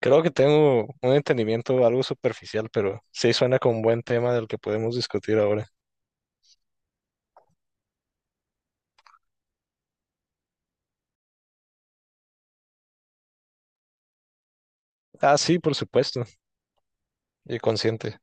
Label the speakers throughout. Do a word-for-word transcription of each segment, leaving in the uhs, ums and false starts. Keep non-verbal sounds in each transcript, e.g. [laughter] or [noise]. Speaker 1: Creo que tengo un entendimiento algo superficial, pero sí suena como un buen tema del que podemos discutir ahora. Ah, sí, por supuesto, y consciente.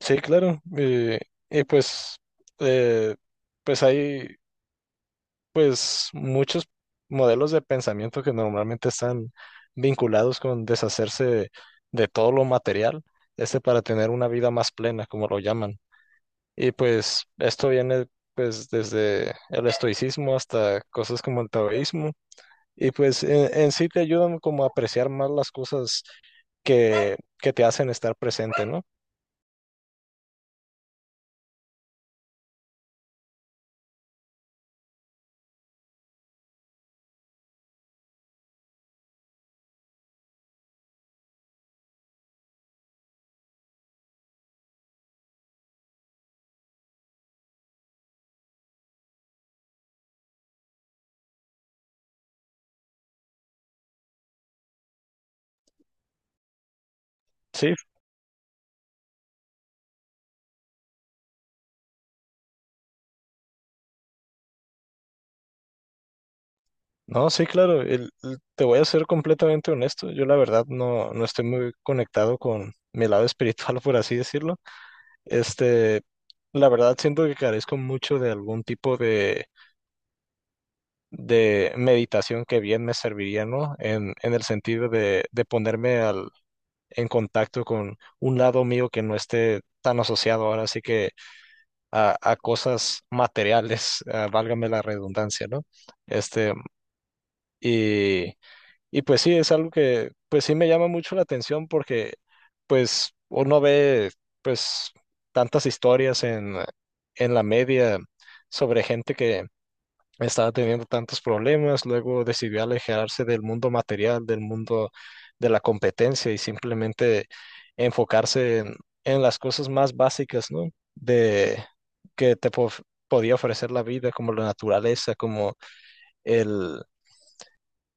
Speaker 1: Sí, claro. Y, y pues, eh, pues hay, pues muchos modelos de pensamiento que normalmente están vinculados con deshacerse de, de todo lo material, este para tener una vida más plena, como lo llaman. Y pues esto viene pues desde el estoicismo hasta cosas como el taoísmo. Y pues en, en sí te ayudan como a apreciar más las cosas que, que te hacen estar presente, ¿no? Sí, no, sí, claro, el- el- te voy a ser completamente honesto, yo la verdad no, no estoy muy conectado con mi lado [laughs] espiritual, por así decirlo. Este, la verdad siento que carezco mucho de algún tipo de, de meditación que bien me serviría, ¿no? En, en el sentido de, de ponerme al, en contacto con un lado mío que no esté tan asociado ahora sí que a, a cosas materiales, [laughs] ah, válgame la redundancia, ¿no? Este, y pues sí, es algo que pues sí me llama mucho la atención porque pues uno ve pues tantas historias en, en la media sobre gente que estaba teniendo tantos problemas, luego decidió alejarse del mundo material, del mundo de la competencia y simplemente enfocarse en, en las cosas más básicas, ¿no? De que te po- podía ofrecer la vida, como la naturaleza, como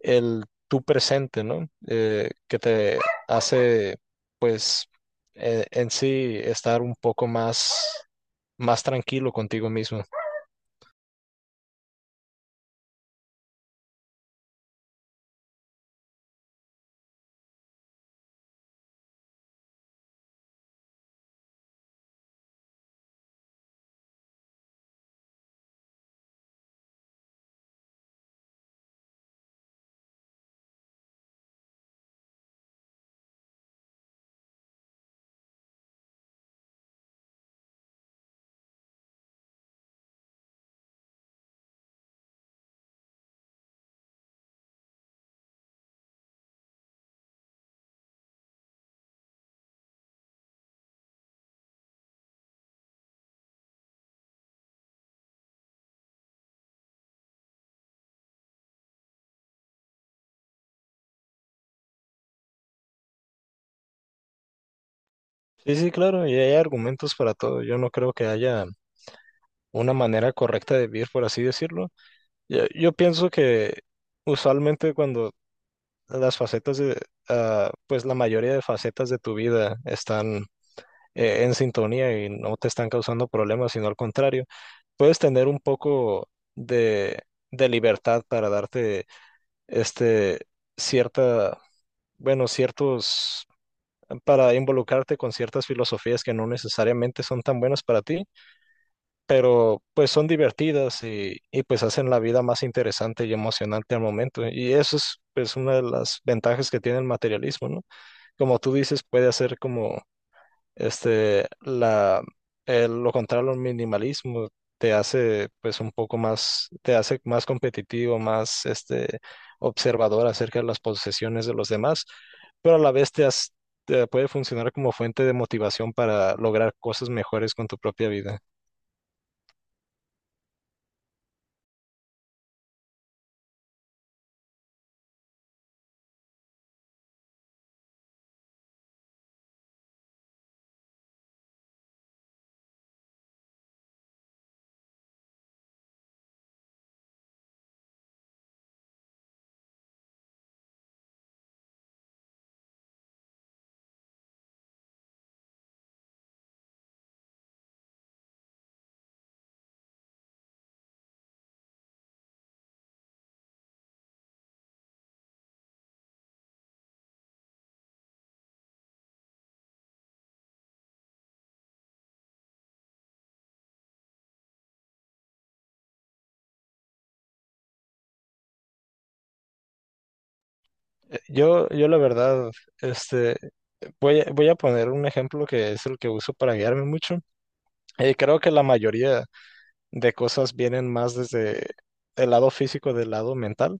Speaker 1: el tú presente, ¿no? Eh, que te hace, pues, eh, en sí estar un poco más, más tranquilo contigo mismo. Sí, sí, claro, y hay argumentos para todo. Yo no creo que haya una manera correcta de vivir, por así decirlo. Yo, yo pienso que usualmente cuando las facetas de, ah, pues la mayoría de facetas de tu vida están eh, en sintonía y no te están causando problemas, sino al contrario. Puedes tener un poco de, de libertad para darte este cierta, bueno, ciertos, para involucrarte con ciertas filosofías que no necesariamente son tan buenas para ti, pero pues son divertidas y, y pues hacen la vida más interesante y emocionante al momento. Y eso es pues una de las ventajas que tiene el materialismo, ¿no? Como tú dices, puede hacer como este, la, el- lo contrario al minimalismo te hace pues un poco más, te hace más competitivo, más este, observador acerca de las posesiones de los demás, pero a la vez te, has- te puede funcionar como fuente de motivación para lograr cosas mejores con tu propia vida. Eh, Yo, yo la verdad, este, voy a, voy a poner un ejemplo que es el que uso para guiarme mucho. Eh, creo que la mayoría de cosas vienen más desde el lado físico del lado mental.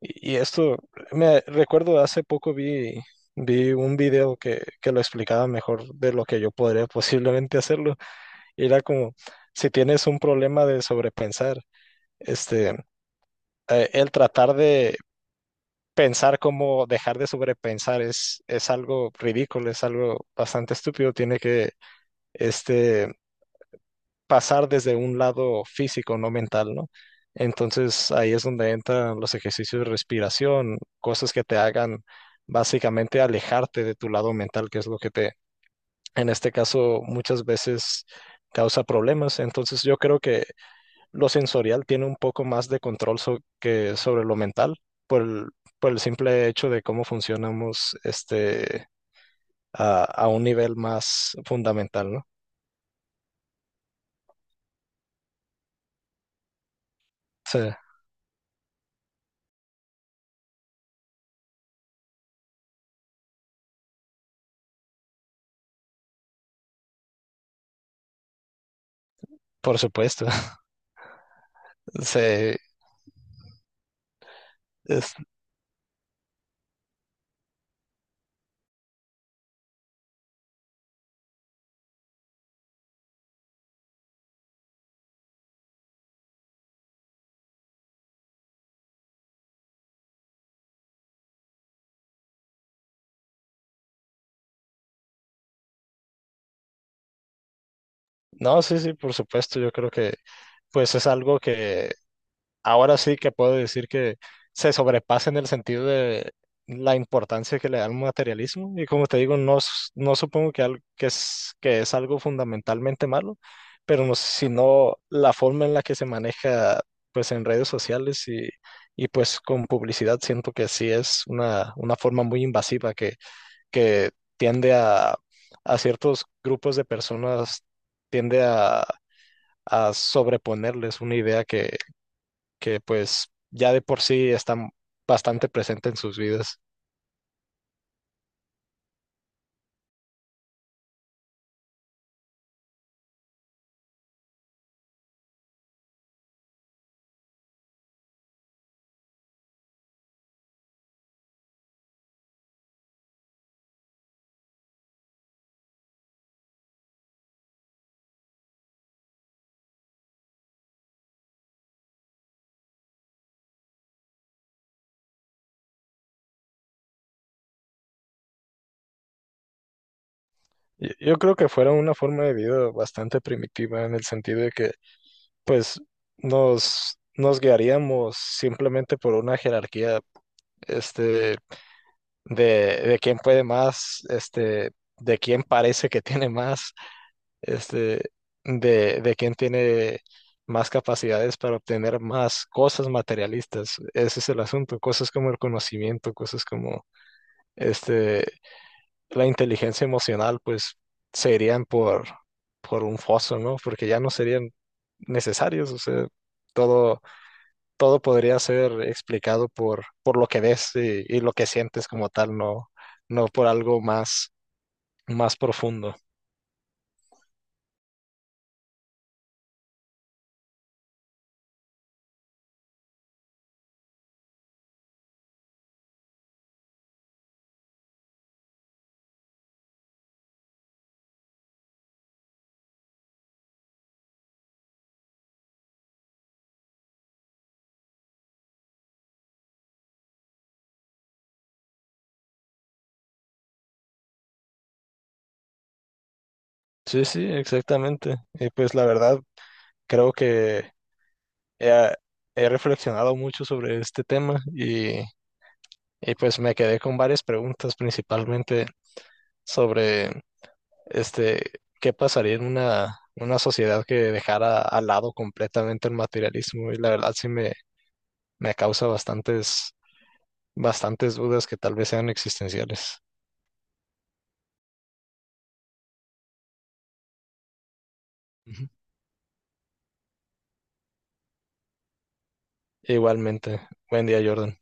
Speaker 1: Y y esto, me recuerdo hace poco vi, vi un video que, que lo explicaba mejor de lo que yo podría [laughs] posiblemente hacerlo. Y era como, si tienes un problema de sobrepensar, este, eh, el tratar de pensar como dejar de sobrepensar es, es algo ridículo, es algo bastante estúpido. Tiene que, este, pasar desde un lado físico, no mental, ¿no? Entonces ahí es donde entran los ejercicios de respiración, cosas que te hagan básicamente alejarte de tu lado mental, que es lo que te, en este caso, muchas veces causa problemas. Entonces yo creo que lo sensorial tiene un poco más de control so- que sobre lo mental por el, por el simple hecho de cómo funcionamos este, a, a un nivel más fundamental, ¿no? Sí, por supuesto. [laughs] Sí, es- No, sí, sí, por supuesto, yo creo que pues es algo que ahora sí que puedo decir que se sobrepasa en el sentido de la importancia que le da al materialismo y como te digo, no, s- no supongo que, al- que, es, que es algo fundamentalmente malo, pero no, sino la forma en la que se maneja pues en redes sociales y, y pues con publicidad siento que sí es una, una forma muy invasiva que, que tiende a, a ciertos grupos de personas tiende a a sobreponerles una idea que, que pues ya de por sí está bastante presente en sus vidas. Yo yo creo que fuera una forma de vida bastante primitiva en el sentido de que pues nos, nos guiaríamos simplemente por una jerarquía este, de, de quién puede más, este, de quién parece que tiene más este, de, de quién tiene más capacidades para obtener más cosas materialistas. Ese es el asunto, cosas como el conocimiento, cosas como este, la inteligencia emocional, pues se irían por, por un foso, ¿no? Porque ya no serían necesarios, o sea, todo, todo podría ser explicado por, por lo que ves y, y lo que sientes como tal, no, no por algo más, más profundo. Sí, sí, exactamente. Y pues la verdad, creo que he, he reflexionado mucho sobre este tema y, y pues me quedé con varias preguntas, principalmente sobre este, qué pasaría en una, una sociedad que dejara al lado completamente el materialismo y la verdad sí me, me causa bastantes, bastantes dudas que tal vez sean existenciales. Ujú. Igualmente, buen día, Jordan.